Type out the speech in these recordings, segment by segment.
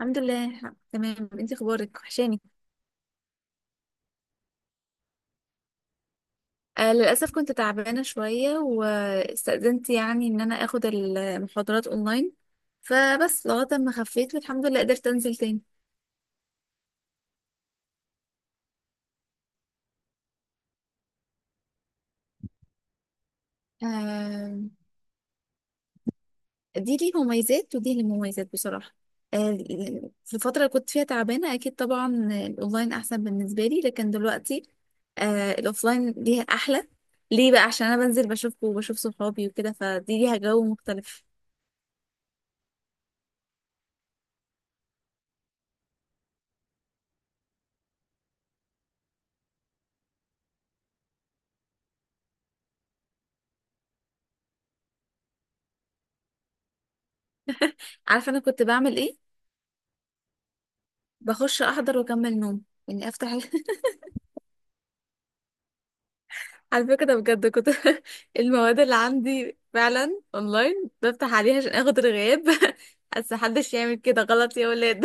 الحمد لله تمام، انت اخبارك؟ وحشاني. للاسف كنت تعبانه شويه واستأذنت ان انا اخد المحاضرات اونلاين، فبس لغايه ما خفيت والحمد لله قدرت انزل تاني. آه دي ليه مميزات ودي ليه مميزات بصراحه. آه في الفتره اللي كنت فيها تعبانه اكيد طبعا الاونلاين احسن بالنسبه لي، لكن دلوقتي الاوفلاين ليها احلى. ليه بقى؟ عشان انا بنزل بشوفكم وبشوف صحابي وكده، فدي ليها جو مختلف. عارفه انا كنت بعمل ايه؟ بخش احضر واكمل نوم، افتح على فكره ده بجد كنت المواد اللي عندي فعلا اونلاين بفتح عليها عشان اخد الغياب. بس محدش يعمل كده، غلط يا ولاد.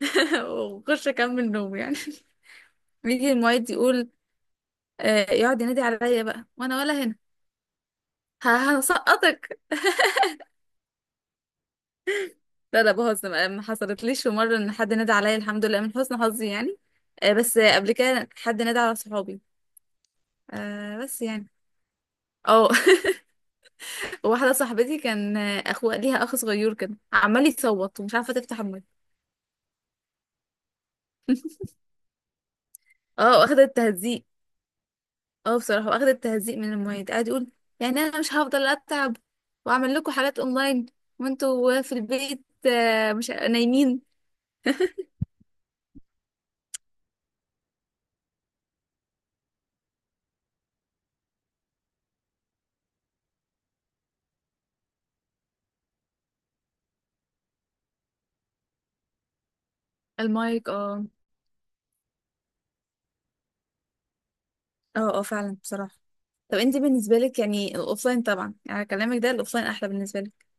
واخش اكمل نوم يعني. بيجي المعيد يقول، يقعد ينادي عليا بقى وانا ولا هنا. هسقطك. لا لا، بهزر. ما حصلتليش في مره ان حد نادى عليا، الحمد لله من حسن حظي يعني. آه، بس آه، قبل كده حد نادى على صحابي. آه، بس يعني اه واحدة صاحبتي كان اخو ليها، اخ صغير كده عمال يصوت ومش عارفة تفتح المايك. اه، واخدة التهزيق. اه بصراحة، واخدة التهزيق من المعيد قاعد يقول، يعني انا مش هفضل اتعب واعمل لكم حالات اونلاين وانتوا في البيت مش نايمين. المايك اه. اه اه فعلا بصراحة. طب انت بالنسبة لك يعني الاوفلاين طبعا، يعني كلامك ده الاوفلاين احلى بالنسبة لك.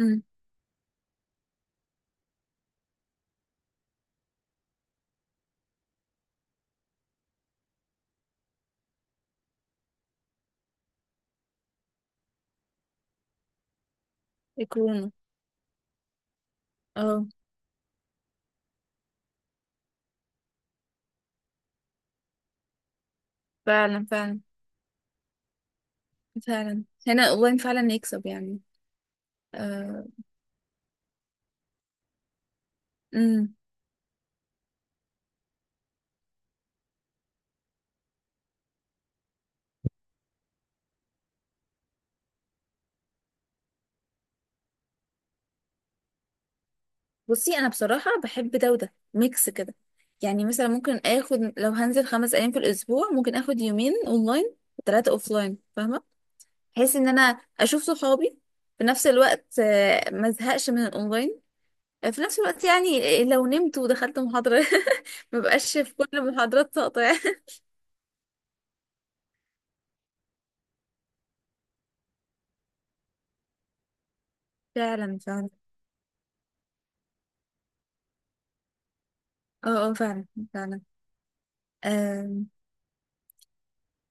امم. الكورونا. اه فعلا فعلا، فعلا هنا الاونلاين فعلا يكسب يعني. آه. بصي انا بصراحه بحب ده وده ميكس كده، يعني مثلا ممكن اخد لو هنزل 5 ايام في الاسبوع، ممكن اخد 2 يومين اونلاين و3 اوفلاين، فاهمه؟ بحيث ان انا اشوف صحابي، في نفس الوقت ما ازهقش من الاونلاين. في نفس الوقت يعني لو نمت ودخلت محاضره، ما بقاش في كل المحاضرات ساقطه يعني. فعلا فعلا. اه اه فعلا فعلا.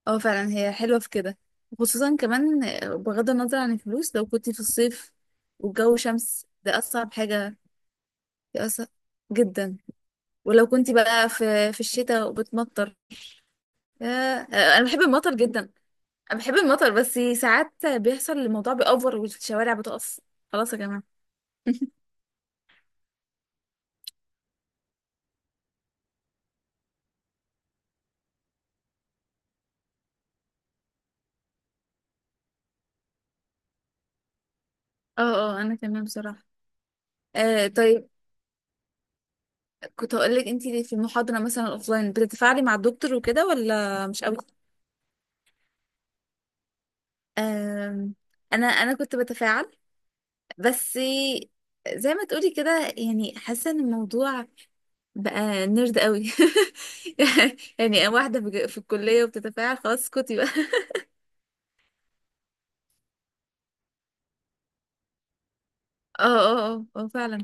اه فعلا، هي حلوة في كده، خصوصا كمان بغض النظر عن الفلوس، لو كنت في الصيف والجو شمس ده أصعب حاجة. دي أصعب جدا. ولو كنت بقى في الشتاء وبتمطر، يا- أنا بحب المطر جدا. أنا بحب المطر بس ساعات بيحصل الموضوع بيأوفر والشوارع بتقف. خلاص يا جماعة. اه اه. أنا كمان بصراحة. آه طيب، كنت هقولك انتي في المحاضرة مثلا الأوفلاين بتتفاعلي مع الدكتور وكده ولا مش قوي؟ آم، انا كنت بتفاعل، بس زي ما تقولي كده، يعني حاسه ان الموضوع بقى نرد قوي. يعني واحده في الكليه وبتتفاعل، خلاص اسكتي بقى. اه اه اه، فعلا.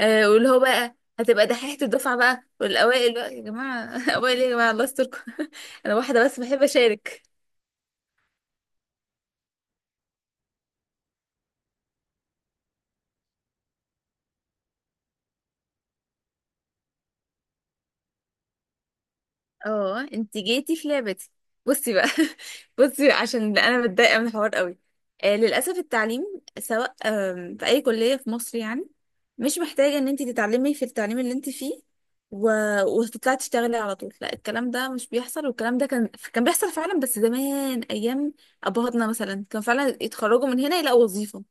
آه واللي هو بقى هتبقى دحيحة الدفعة بقى والأوائل بقى يا جماعة. أوائل إيه يا جماعة الله يستركم. أنا واحدة بس بحب أشارك. اه انت جيتي في لعبتي. بصي بقى. بصي بقى، عشان انا متضايقه من الحوار قوي. للاسف التعليم سواء في اي كليه في مصر يعني، مش محتاجه ان انت تتعلمي في التعليم اللي انت فيه و... وتطلعي تشتغلي على طول. لا، الكلام ده مش بيحصل. والكلام ده كان بيحصل فعلا بس زمان، ايام ابهاتنا مثلا كان فعلا يتخرجوا من هنا يلاقوا وظيفه.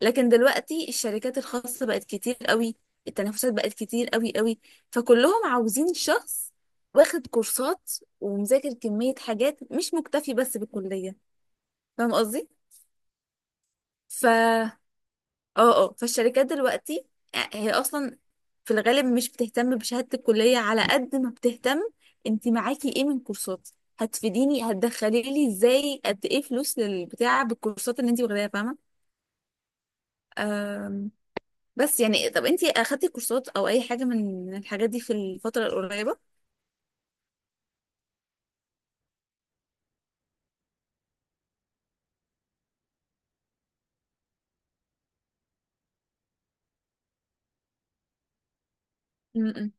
لكن دلوقتي الشركات الخاصة بقت كتير قوي، التنافسات بقت كتير قوي. فكلهم عاوزين شخص واخد كورسات ومذاكر كمية حاجات، مش مكتفي بس بالكلية. فاهم قصدي؟ ف اه اه، فالشركات دلوقتي هي اصلا في الغالب مش بتهتم بشهادة الكلية على قد ما بتهتم انت معاكي ايه من كورسات، هتفيديني، هتدخلي لي ازاي، قد ايه فلوس للبتاع بالكورسات اللي انت واخداها. فاهمة؟ بس يعني طب انتي اخدتي كورسات او اي حاجه من الحاجات دي في الفتره القريبه؟ امم.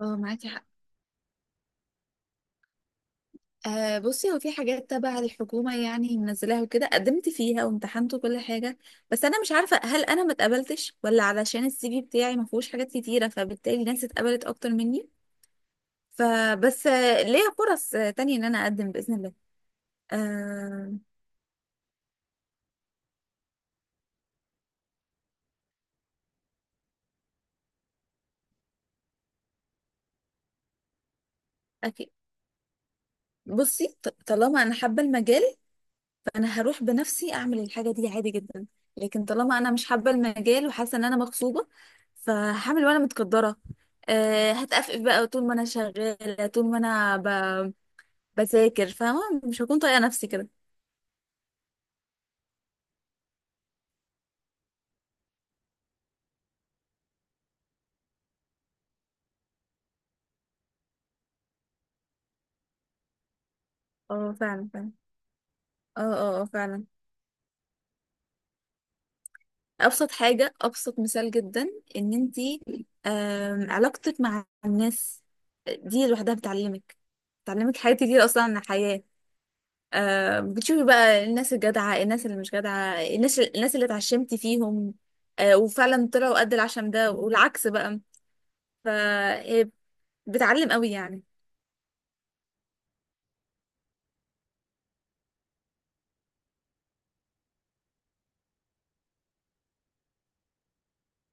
اه معاكي حق. آه بصي، هو في حاجات تبع الحكومة يعني منزلاها وكده، قدمت فيها وامتحنت وكل حاجة، بس أنا مش عارفة هل أنا ما اتقبلتش ولا علشان السي في بتاعي ما فيهوش حاجات كتيرة فبالتالي ناس اتقبلت أكتر مني. فبس آه، ليا فرص تانية إن أنا أقدم بإذن الله. آه أكيد. بصي طالما أنا حابة المجال، انا هروح بنفسي اعمل الحاجه دي عادي جدا. لكن طالما انا مش حابه المجال وحاسه ان انا مغصوبه، فهعمل وانا متقدره. أه، هتقفف بقى طول ما انا شغاله، طول ما انا بذاكر، فاهمه؟ مش هكون طايقه نفسي كده. اه فعلا فعلا. اه اه فعلا. ابسط حاجه، ابسط مثال جدا، ان انتي علاقتك مع الناس دي لوحدها بتعلمك، بتعلمك حاجات كتير اصلا عن الحياه. آه بتشوفي بقى الناس الجدعة، الناس اللي مش جدعة، الناس اللي اتعشمتي فيهم آه وفعلا طلعوا قد العشم ده، والعكس بقى. ف هي بتعلم قوي يعني.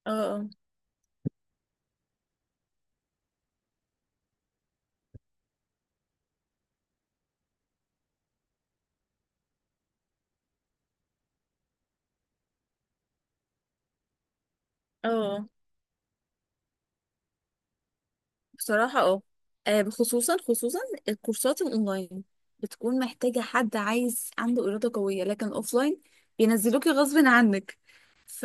اه اه، اه بصراحة اه. خصوصا الكورسات الأونلاين بتكون محتاجة حد عايز عنده إرادة قوية، لكن أوفلاين بينزلوكي غصب عنك. ف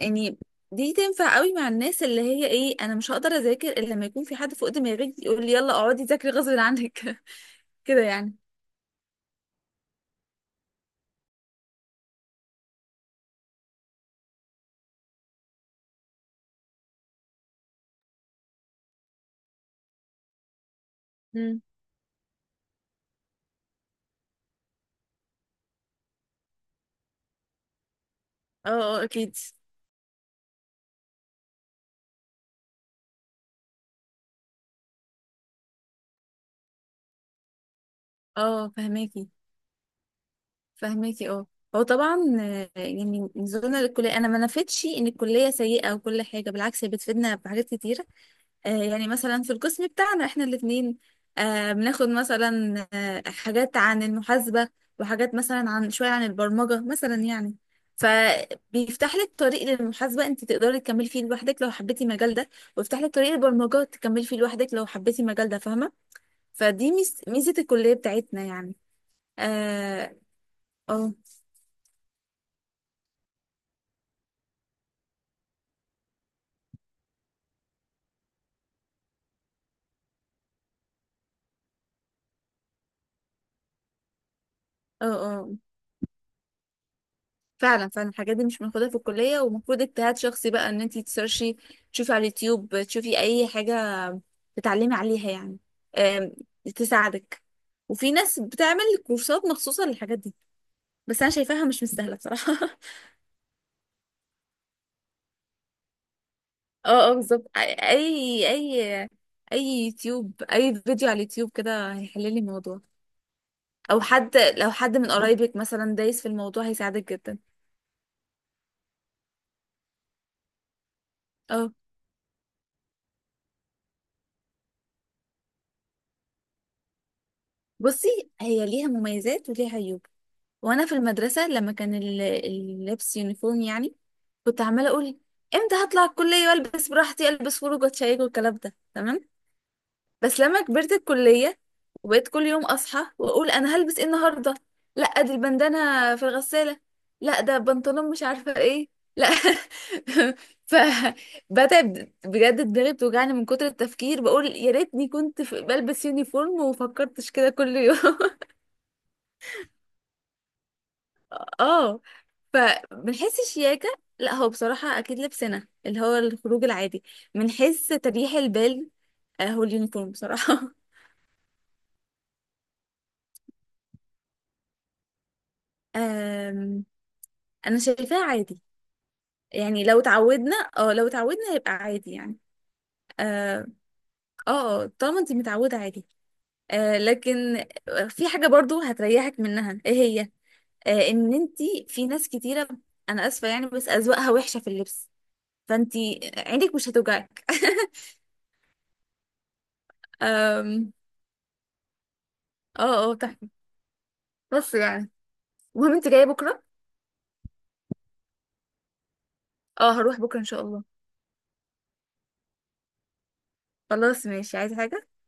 يعني دي تنفع قوي مع الناس اللي هي ايه، انا مش هقدر اذاكر الا لما يكون في حد فوق دماغي يقول لي يلا اقعدي ذاكري غصب عنك. كده يعني. مم. اه اه اكيد. اه فهماكي، فهماكي اه. هو طبعا نزولنا للكليه، انا ما نفدتش ان الكليه سيئه وكل حاجه، بالعكس هي بتفيدنا في حاجات كتيره. يعني مثلا في القسم بتاعنا احنا الاثنين بناخد مثلا حاجات عن المحاسبه وحاجات مثلا عن شويه عن البرمجه مثلا يعني. فبيفتح لك طريق للمحاسبه انت تقدري تكملي فيه لوحدك لو حبيتي المجال ده، ويفتح لك طريق البرمجه تكملي فيه لوحدك لو حبيتي المجال ده، فاهمه؟ فدي ميزة الكلية بتاعتنا يعني. اه اه اه آه. فعلا فعلا الحاجات دي مش بناخدها في الكلية، ومفروض اجتهاد شخصي بقى ان انتي تسيرشي، تشوفي على اليوتيوب، تشوفي اي حاجة تتعلمي عليها يعني، آم، تساعدك. وفي ناس بتعمل كورسات مخصوصة للحاجات دي، بس انا شايفاها مش مستاهلة بصراحة. اه اه بالظبط، اي اي يوتيوب، اي فيديو على اليوتيوب كده هيحللي الموضوع. او حد، لو حد من قرايبك مثلا دايس في الموضوع هيساعدك جدا. اه بصي، هي ليها مميزات وليها عيوب. وانا في المدرسه لما كان اللبس يونيفورم يعني، كنت عماله اقول امتى هطلع الكليه والبس براحتي، البس خروج واتشيك والكلام ده، تمام. بس لما كبرت الكليه وبقيت كل يوم اصحى واقول انا هلبس ايه النهارده، لا دي البندانه في الغساله، لا ده بنطلون مش عارفه ايه، لا. ف بدأت بجد دماغي بتوجعني من كتر التفكير، بقول يا ريتني كنت بلبس يونيفورم وفكرتش كده كل يوم. اه، فبنحس الشياكة. لا هو بصراحة أكيد لبسنا اللي هو الخروج العادي بنحس تريح البال. هو اليونيفورم بصراحة. آم، أنا شايفاه عادي. يعني لو اتعودنا، اه لو اتعودنا يبقى عادي يعني. اه اه طالما انت متعودة عادي. آه لكن في حاجة برضو هتريحك منها، ايه هي؟ آه ان انت، في ناس كتيرة انا اسفة يعني بس اذواقها وحشة في اللبس، فانت عينك مش هتوجعك. آم، اه اه. بس يعني المهم انت جايه بكره؟ اه هروح بكره ان شاء الله. خلاص ماشي، عايزه حاجه؟